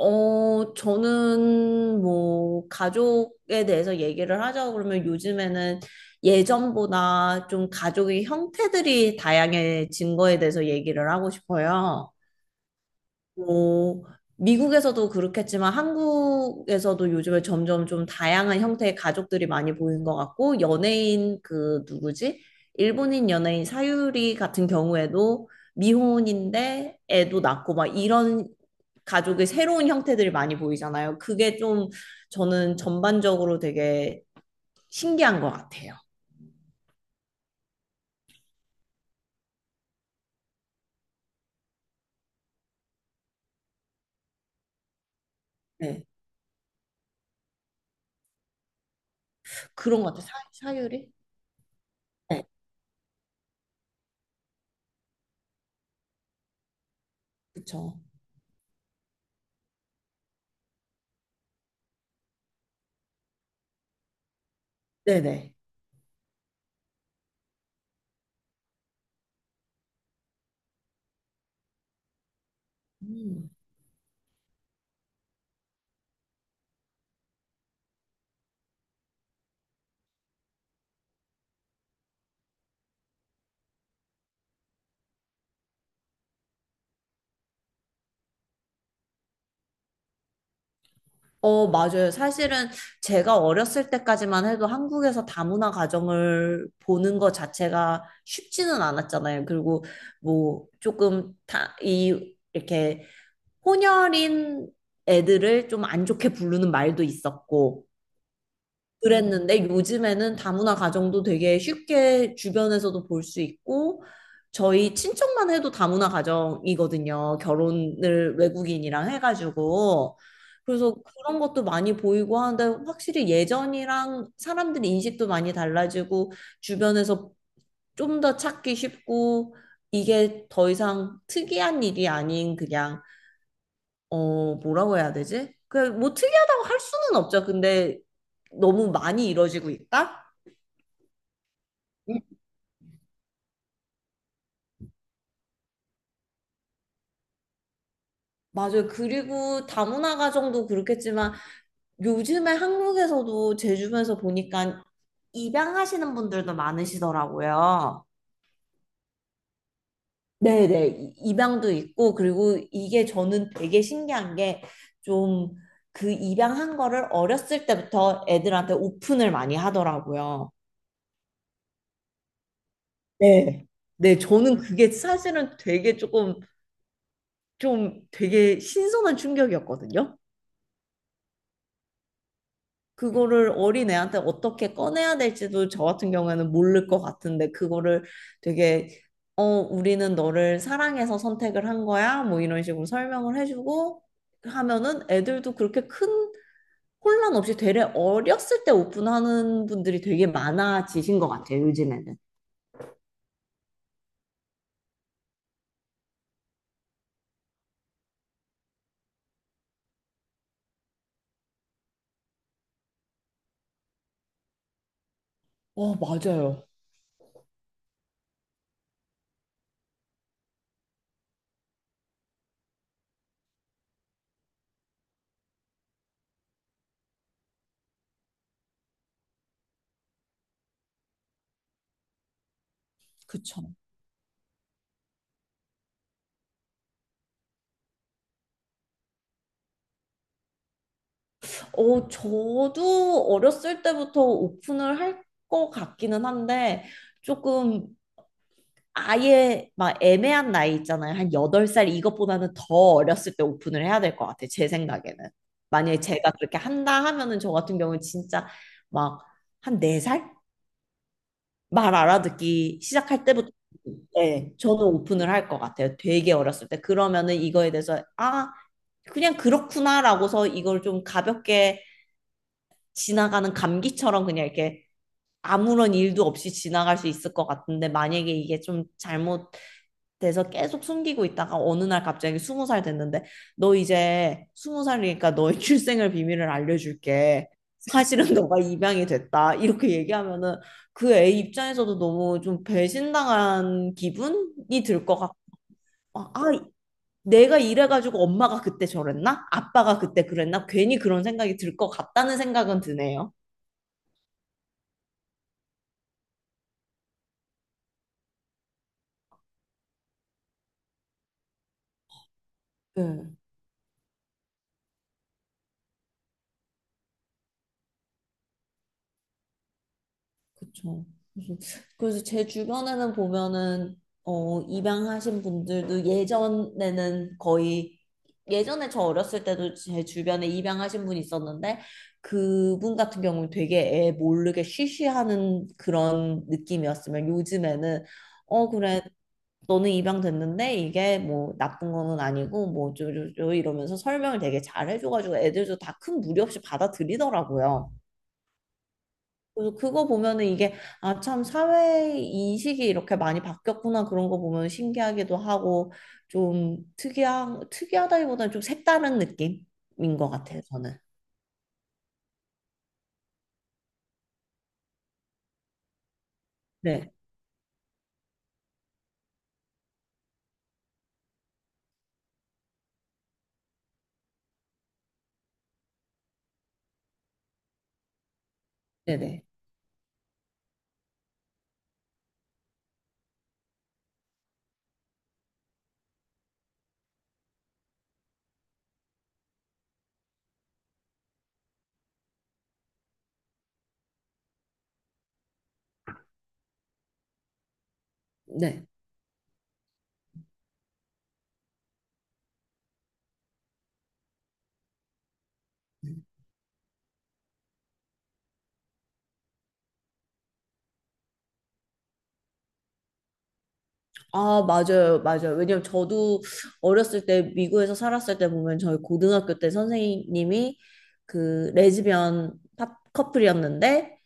저는 뭐, 가족에 대해서 얘기를 하자고 그러면 요즘에는 예전보다 좀 가족의 형태들이 다양해진 거에 대해서 얘기를 하고 싶어요. 뭐, 미국에서도 그렇겠지만 한국에서도 요즘에 점점 좀 다양한 형태의 가족들이 많이 보이는 것 같고, 연예인 그 누구지? 일본인 연예인 사유리 같은 경우에도 미혼인데 애도 낳고 막 이런 가족의 새로운 형태들이 많이 보이잖아요. 그게 좀 저는 전반적으로 되게 신기한 것 같아요. 네. 그런 것 같아요. 사유리? 네. 그쵸. 네네. 음. 맞아요. 사실은 제가 어렸을 때까지만 해도 한국에서 다문화 가정을 보는 것 자체가 쉽지는 않았잖아요. 그리고 뭐 조금 이렇게 혼혈인 애들을 좀 안 좋게 부르는 말도 있었고, 그랬는데 요즘에는 다문화 가정도 되게 쉽게 주변에서도 볼 수 있고 저희 친척만 해도 다문화 가정이거든요. 결혼을 외국인이랑 해가지고. 그래서 그런 것도 많이 보이고 하는데 확실히 예전이랑 사람들이 인식도 많이 달라지고 주변에서 좀 더 찾기 쉽고 이게 더 이상 특이한 일이 아닌 그냥 뭐라고 해야 되지? 그 뭐 특이하다고 할 수는 없죠. 근데 너무 많이 이루어지고 있다? 음, 맞아요. 그리고 다문화 가정도 그렇겠지만 요즘에 한국에서도 제 주변에서 보니까 입양하시는 분들도 많으시더라고요. 네네. 입양도 있고, 그리고 이게 저는 되게 신기한 게 좀 그 입양한 거를 어렸을 때부터 애들한테 오픈을 많이 하더라고요. 네. 네, 저는 그게 사실은 되게 조금 좀 되게 신선한 충격이었거든요. 그거를 어린애한테 어떻게 꺼내야 될지도 저 같은 경우에는 모를 것 같은데, 그거를 되게, 우리는 너를 사랑해서 선택을 한 거야. 뭐 이런 식으로 설명을 해주고 하면은 애들도 그렇게 큰 혼란 없이 되레 어렸을 때 오픈하는 분들이 되게 많아지신 것 같아요, 요즘에는. 맞아요. 그쵸. 저도 어렸을 때부터 오픈을 할 것 같기는 한데, 조금 아예 막 애매한 나이 있잖아요. 한 8살 이것보다는 더 어렸을 때 오픈을 해야 될 것 같아요. 제 생각에는. 만약에 제가 그렇게 한다 하면은 저 같은 경우는 진짜 막 한 4살? 말 알아듣기 시작할 때부터 네, 저는 오픈을 할 것 같아요. 되게 어렸을 때. 그러면은 이거에 대해서 아, 그냥 그렇구나라고서 이걸 좀 가볍게 지나가는 감기처럼 그냥 이렇게 아무런 일도 없이 지나갈 수 있을 것 같은데 만약에 이게 좀 잘못 돼서 계속 숨기고 있다가 어느 날 갑자기 20살 됐는데 너 이제 20살이니까 너의 출생을 비밀을 알려줄게. 사실은 너가 입양이 됐다. 이렇게 얘기하면은 그 애 입장에서도 너무 좀 배신당한 기분이 들 것 같고 아, 아, 내가 이래가지고 엄마가 그때 저랬나? 아빠가 그때 그랬나? 괜히 그런 생각이 들 것 같다는 생각은 드네요. 네. 그쵸. 그래서, 그래서 제 주변에는 보면은, 입양하신 분들도 예전에는 거의, 예전에 저 어렸을 때도 제 주변에 입양하신 분이 있었는데, 그분 같은 경우는 되게 애 모르게 쉬쉬하는 그런 느낌이었으면 요즘에는, 그래, 너는 입양됐는데 이게 뭐 나쁜 거는 아니고 뭐 어쩌고저쩌고 이러면서 설명을 되게 잘 해줘가지고 애들도 다 큰 무리 없이 받아들이더라고요. 그래서 그거 보면은 이게 아 참 사회 인식이 이렇게 많이 바뀌었구나 그런 거 보면 신기하기도 하고 좀 특이한 특이하다기보다는 좀 색다른 느낌인 것 같아요 저는. 네. 네네. 네. 아, 맞아요, 맞아요. 왜냐면 저도 어렸을 때 미국에서 살았을 때 보면 저희 고등학교 때 선생님이 그 레즈비언 파- 커플이었는데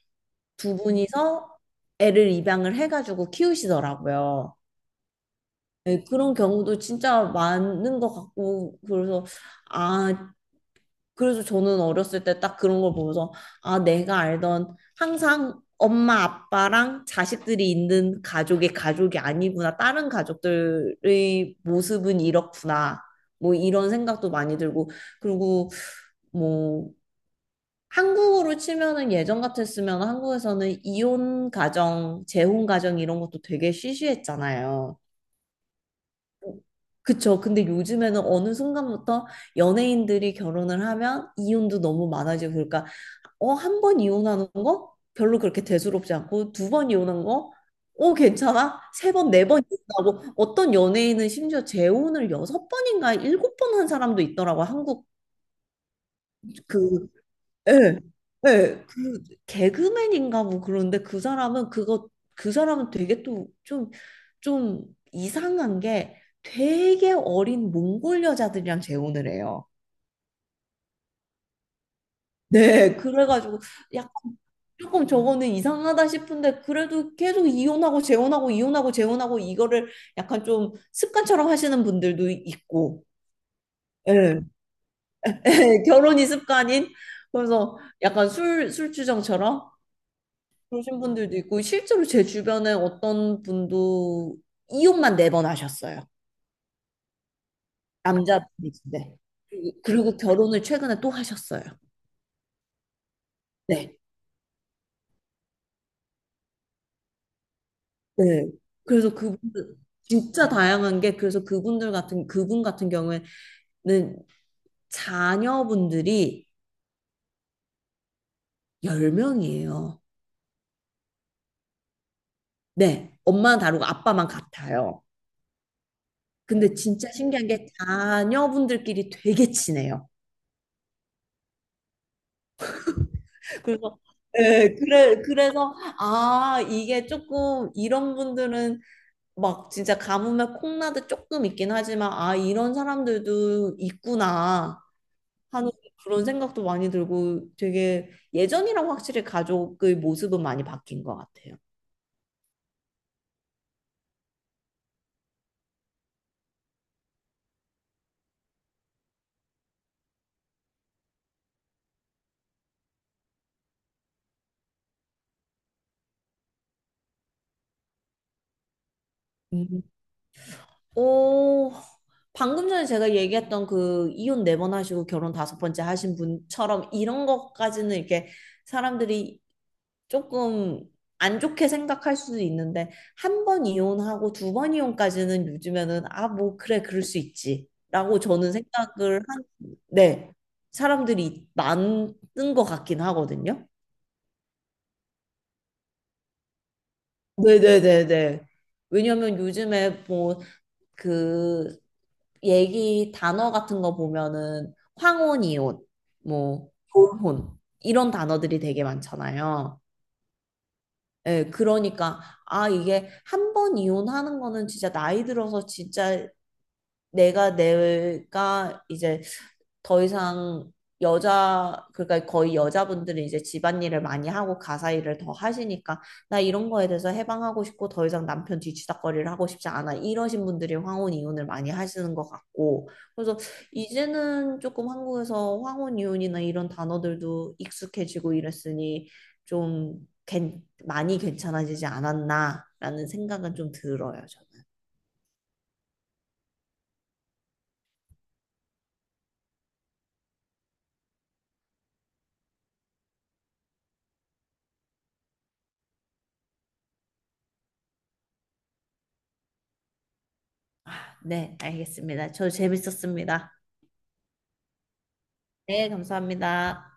두 분이서 애를 입양을 해가지고 키우시더라고요. 네, 그런 경우도 진짜 많은 것 같고, 그래서, 아, 그래서 저는 어렸을 때 딱 그런 걸 보면서, 아, 내가 알던 항상 엄마, 아빠랑 자식들이 있는 가족의 가족이 아니구나. 다른 가족들의 모습은 이렇구나. 뭐 이런 생각도 많이 들고, 그리고 뭐, 한국으로 치면은 예전 같았으면 한국에서는 이혼 가정, 재혼 가정 이런 것도 되게 시시했잖아요. 그쵸. 근데 요즘에는 어느 순간부터 연예인들이 결혼을 하면 이혼도 너무 많아지고 그러니까 1번 이혼하는 거 별로 그렇게 대수롭지 않고 2번 이혼한 거 괜찮아? 세 번, 4번 이혼하고 어떤 연예인은 심지어 재혼을 6번인가 7번 한 사람도 있더라고. 한국 그 예, 예, 그 개그맨인가 뭐 그런데 그 사람은 그거 그 사람은 되게 또 좀 이상한 게 되게 어린 몽골 여자들이랑 재혼을 해요. 네, 그래가지고 약간 조금 저거는 이상하다 싶은데 그래도 계속 이혼하고 재혼하고 이혼하고 재혼하고 이거를 약간 좀 습관처럼 하시는 분들도 있고, 예, 예, 결혼이 습관인 그래서 약간 술 술주정처럼 그러신 분들도 있고 실제로 제 주변에 어떤 분도 이혼만 4번 하셨어요. 남자분이신데. 그리고 결혼을 최근에 또 하셨어요. 네. 네. 그래서 그분들 진짜 다양한 게 그래서 그분 같은 경우에는 자녀분들이 10명이에요. 네. 엄마는 다르고 아빠만 같아요. 근데 진짜 신기한 게 자녀분들끼리 되게 친해요. 그래서 예, 그래, 그래서, 아, 이게 조금, 이런 분들은 막 진짜 가뭄에 콩나듯 조금 있긴 하지만, 아, 이런 사람들도 있구나 하는 그런 생각도 많이 들고, 되게 예전이랑 확실히 가족의 모습은 많이 바뀐 것 같아요. 음. 오, 방금 전에 제가 얘기했던 그 이혼 4번 하시고 결혼 5번째 하신 분처럼 이런 것까지는 이렇게 사람들이 조금 안 좋게 생각할 수도 있는데 한 번 이혼하고 2번 이혼까지는 요즘에는 아, 뭐 그래 그럴 수 있지. 라고 저는 생각을 한 네. 사람들이 많은 것 같긴 하거든요. 네네네네. 왜냐면 요즘에 뭐 그 얘기 단어 같은 거 보면은 황혼 이혼, 뭐 졸혼 이런 단어들이 되게 많잖아요. 예, 그러니까, 아, 이게 1번 이혼하는 거는 진짜 나이 들어서 진짜 내가 이제 더 이상 여자 그러니까 거의 여자분들이 이제 집안일을 많이 하고 가사 일을 더 하시니까 나 이런 거에 대해서 해방하고 싶고 더 이상 남편 뒤치다꺼리를 하고 싶지 않아 이러신 분들이 황혼 이혼을 많이 하시는 것 같고 그래서 이제는 조금 한국에서 황혼 이혼이나 이런 단어들도 익숙해지고 이랬으니 좀 많이 괜찮아지지 않았나라는 생각은 좀 들어요. 저는. 아, 네, 알겠습니다. 저도 재밌었습니다. 네, 감사합니다.